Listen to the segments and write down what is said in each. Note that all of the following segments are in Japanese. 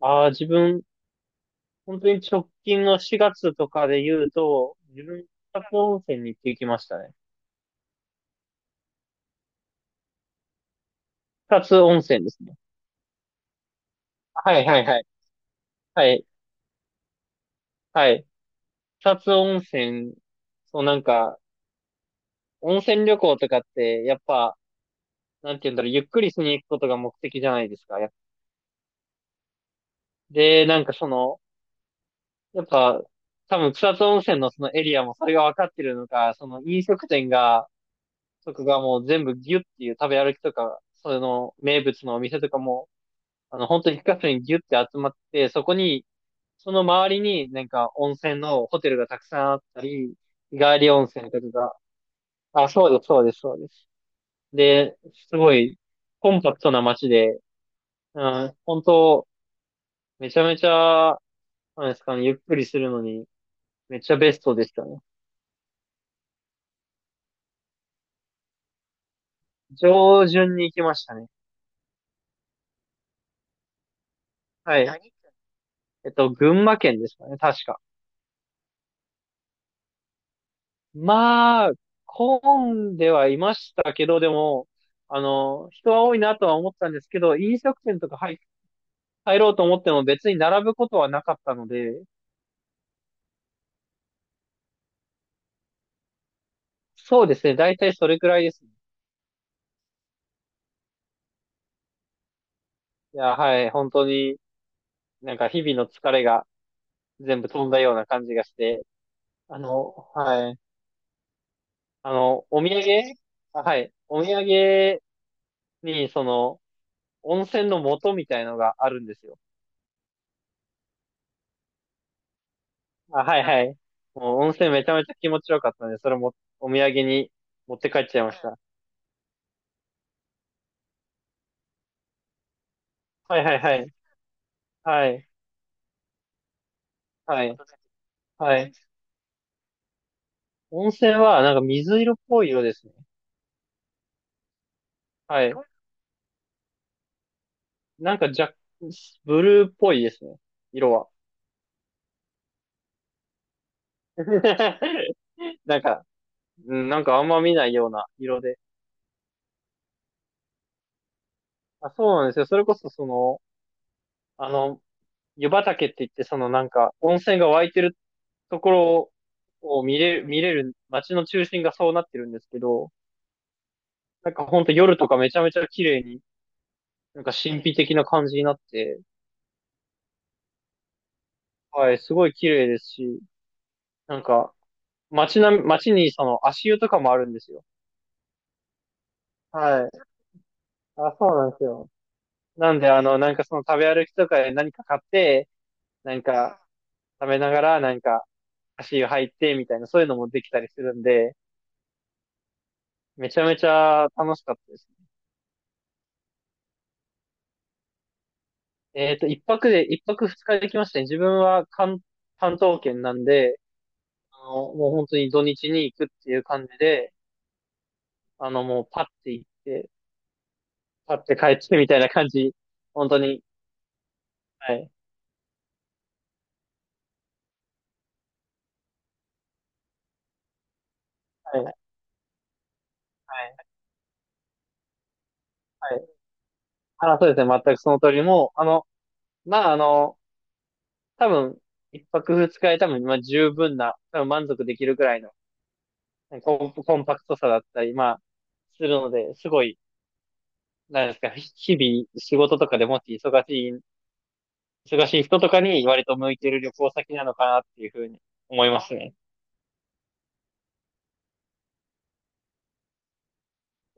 ああ、本当に直近の4月とかで言うと、自分、草津温泉に行ってきましたね。草津温泉ですね。はいはいはい。はい、はい。草津温泉、そうなんか、温泉旅行とかって、やっぱ、なんて言うんだろう、ゆっくりしに行くことが目的じゃないですか。で、なんかその、やっぱ、多分草津温泉のそのエリアもそれが分かってるのか、その飲食店が、とかがもう全部ギュッっていう食べ歩きとか、その名物のお店とかも、あの、本当に一箇所にギュって集まって、そこに、その周りになんか温泉のホテルがたくさんあったり、日帰り温泉とかが、あ、そうです、そうです、そうです。で、すごいコンパクトな街で、うん、本当、めちゃめちゃ、なんですかね、ゆっくりするのに、めっちゃベストでしたね。上旬に行きましたね。はい。えっと、群馬県ですかね、確か。まあ、混んではいましたけど、でも、あの、人は多いなとは思ったんですけど、飲食店とか入ろうと思っても別に並ぶことはなかったので、そうですね、大体それくらいですね。いや、はい、本当になんか日々の疲れが全部飛んだような感じがして、あの、はい、あの、お土産、あはい、お土産にその、温泉の素みたいのがあるんですよ。あ、はいはい。もう温泉めちゃめちゃ気持ちよかったんで、それもお土産に持って帰っちゃいました。はいはいはい。はい。はい。はい。温泉はなんか水色っぽい色ですね。はい。なんかブルーっぽいですね。色は。なんか、うんなんかあんま見ないような色で。あ、そうなんですよ。それこそその、あの、湯畑って言って、そのなんか温泉が湧いてるところを見れる街の中心がそうなってるんですけど、なんかほんと夜とかめちゃめちゃ綺麗に、なんか神秘的な感じになって、はい、すごい綺麗ですし、なんか街にその足湯とかもあるんですよ。はい。あ、そうなんですよ。なんであの、なんかその食べ歩きとかで何か買って、なんか食べながらなんか足湯入ってみたいな、そういうのもできたりするんで、めちゃめちゃ楽しかったですね。えっと、一泊で、一泊二日できましたね。自分は関、関東圏なんで、あの、もう本当に土日に行くっていう感じで、あの、もうパッて行って、パッて帰ってみたいな感じ。本当に。はい。はい。はい。はい。あ、そうですね。全くその通り。もう、あの、まあ、あの、多分、一泊二日で多分、まあ、十分な、多分満足できるくらいのコンパクトさだったり、まあ、するので、すごい、なんですか、日々仕事とかでもし忙しい人とかに割と向いてる旅行先なのかなっていうふうに思いますね。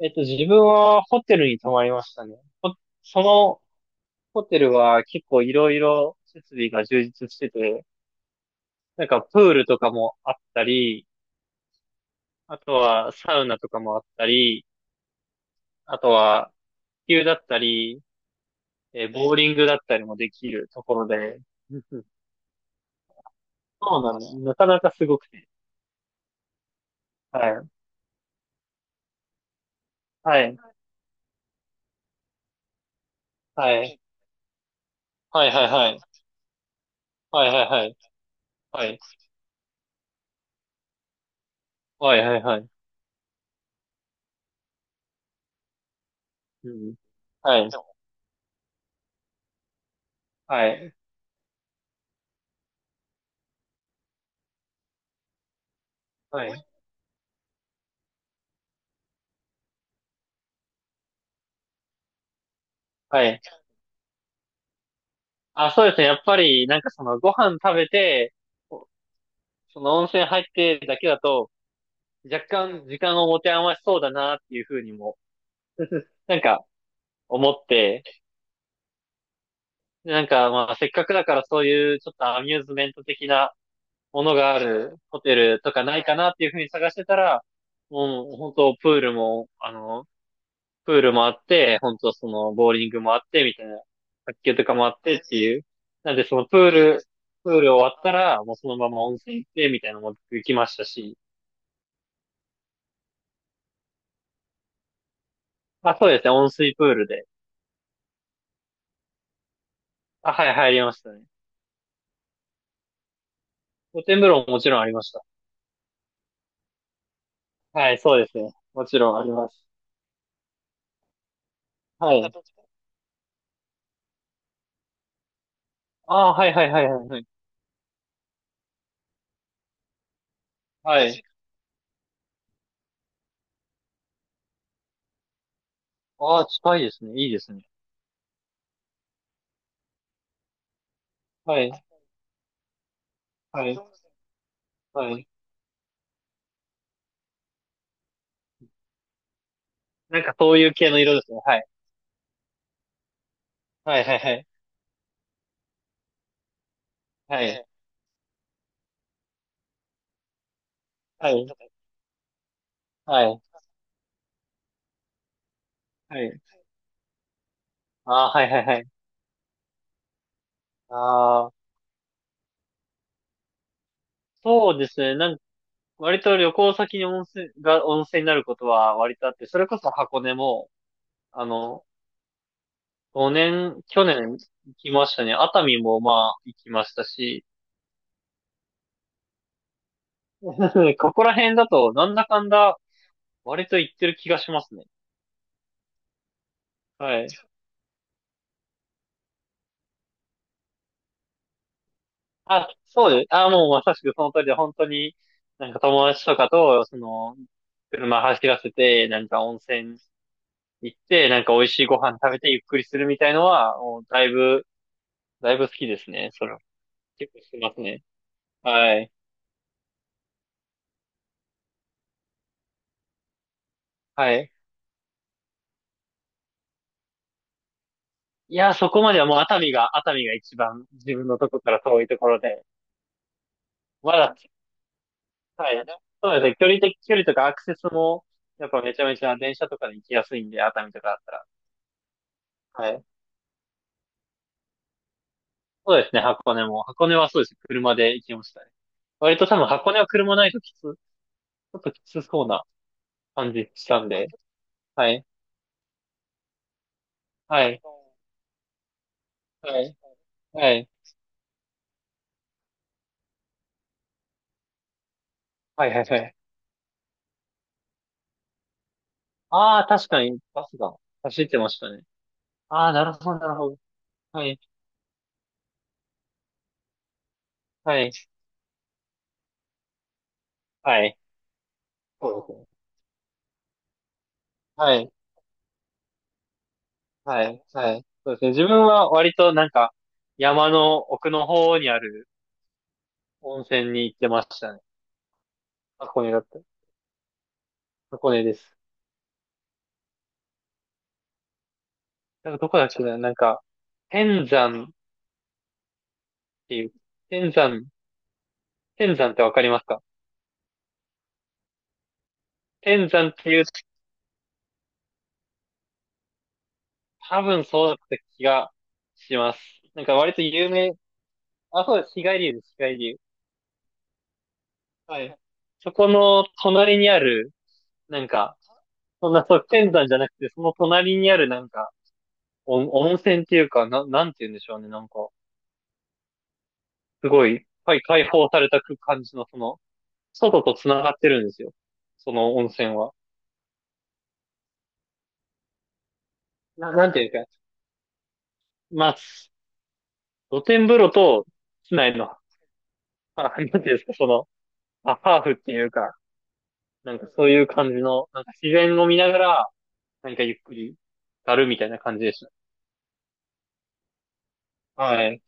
えっと、自分はホテルに泊まりましたね。ほそのホテルは結構いろいろ設備が充実してて、なんかプールとかもあったり、あとはサウナとかもあったり、あとは球だったり、ボーリングだったりもできるところで、うんうんそうなんです。なかなかすごくて。はい。はい。はい。はいはいはい。はいはいはい。はい。はいはいはい。うん。はい。はい。はい。はい。あ、そうですね。やっぱり、なんかそのご飯食べて、その温泉入ってだけだと、若干時間を持て余しそうだなっていうふうにも、なんか思って、なんかまあせっかくだからそういうちょっとアミューズメント的なものがあるホテルとかないかなっていうふうに探してたら、もう本当プールも、あの、プールもあって、本当そのボーリングもあってみたいな、卓球とかもあってっていう。なんでそのプール終わったら、もうそのまま温泉行ってみたいなのも行きましたし、まあ、そうですね、温水プールで。あ、はい、入りましたね。露天風呂ももちろんありました。はい、そうですね。もちろんあります。はい。ああ、はいはいはいはいはい。はい。ああ、近いですね。いいですね。はい。はい。はい。なんかそういう系の色ですね。はい。はいはいはい。はい。ね、はいはいはい。ああ、はいはいはい。ああ、そうですね。割と旅行先に温泉が、温泉になることは割とあって、それこそ箱根も、あの、5年、去年行きましたね。熱海もまあ行きましたし、ここら辺だとなんだかんだ割と言ってる気がしますね。はい。あ、そうです。あ、もうまさしくその通りで、本当に、なんか友達とかと、その、車走らせて、なんか温泉行って、なんか美味しいご飯食べてゆっくりするみたいのは、もうだいぶ、だいぶ好きですね。それは。結構してますね。はい。はい。いや、そこまではもう熱海が一番自分のとこから遠いところで、まだ、はい。そうですね。距離とかアクセスも、やっぱめちゃめちゃ電車とかで行きやすいんで、熱海とかだったら。はい。そうですね、箱根も。箱根はそうですね、車で行きましたね。割と多分箱根は車ないとちょっときつそうな感じしたんで。はい。はい。はい。はい。はい、はい、はい。ああ、確かにバスが走ってましたね。ああ、なるほど、なるほど。はい、はい、はい。そうですね。はい、はい、はい。そうですね。自分は割となんか、山の奥の方にある温泉に行ってましたね。箱根だった。箱根です。なんかどこだっけな、なんか、天山っていう。天山、天山ってわかりますか？天山っていう、多分そうだった気がします。なんか割と有名、あ、そうです。日帰り湯です。日帰り湯。はい。そこの隣にある、なんか、そんな、そう、天山じゃなくて、その隣にあるなんか、温泉っていうか、なんて言うんでしょうね。なんか、すごい、はい、開放された感じの、その、外と繋がってるんですよ。その温泉は。なんていうんですか。まあ、露天風呂と、室内の、あ、なんていうんですか、その、あ、ハーフっていうか、なんかそういう感じの、なんか自然を見ながら、何かゆっくり、やるみたいな感じでした。はい。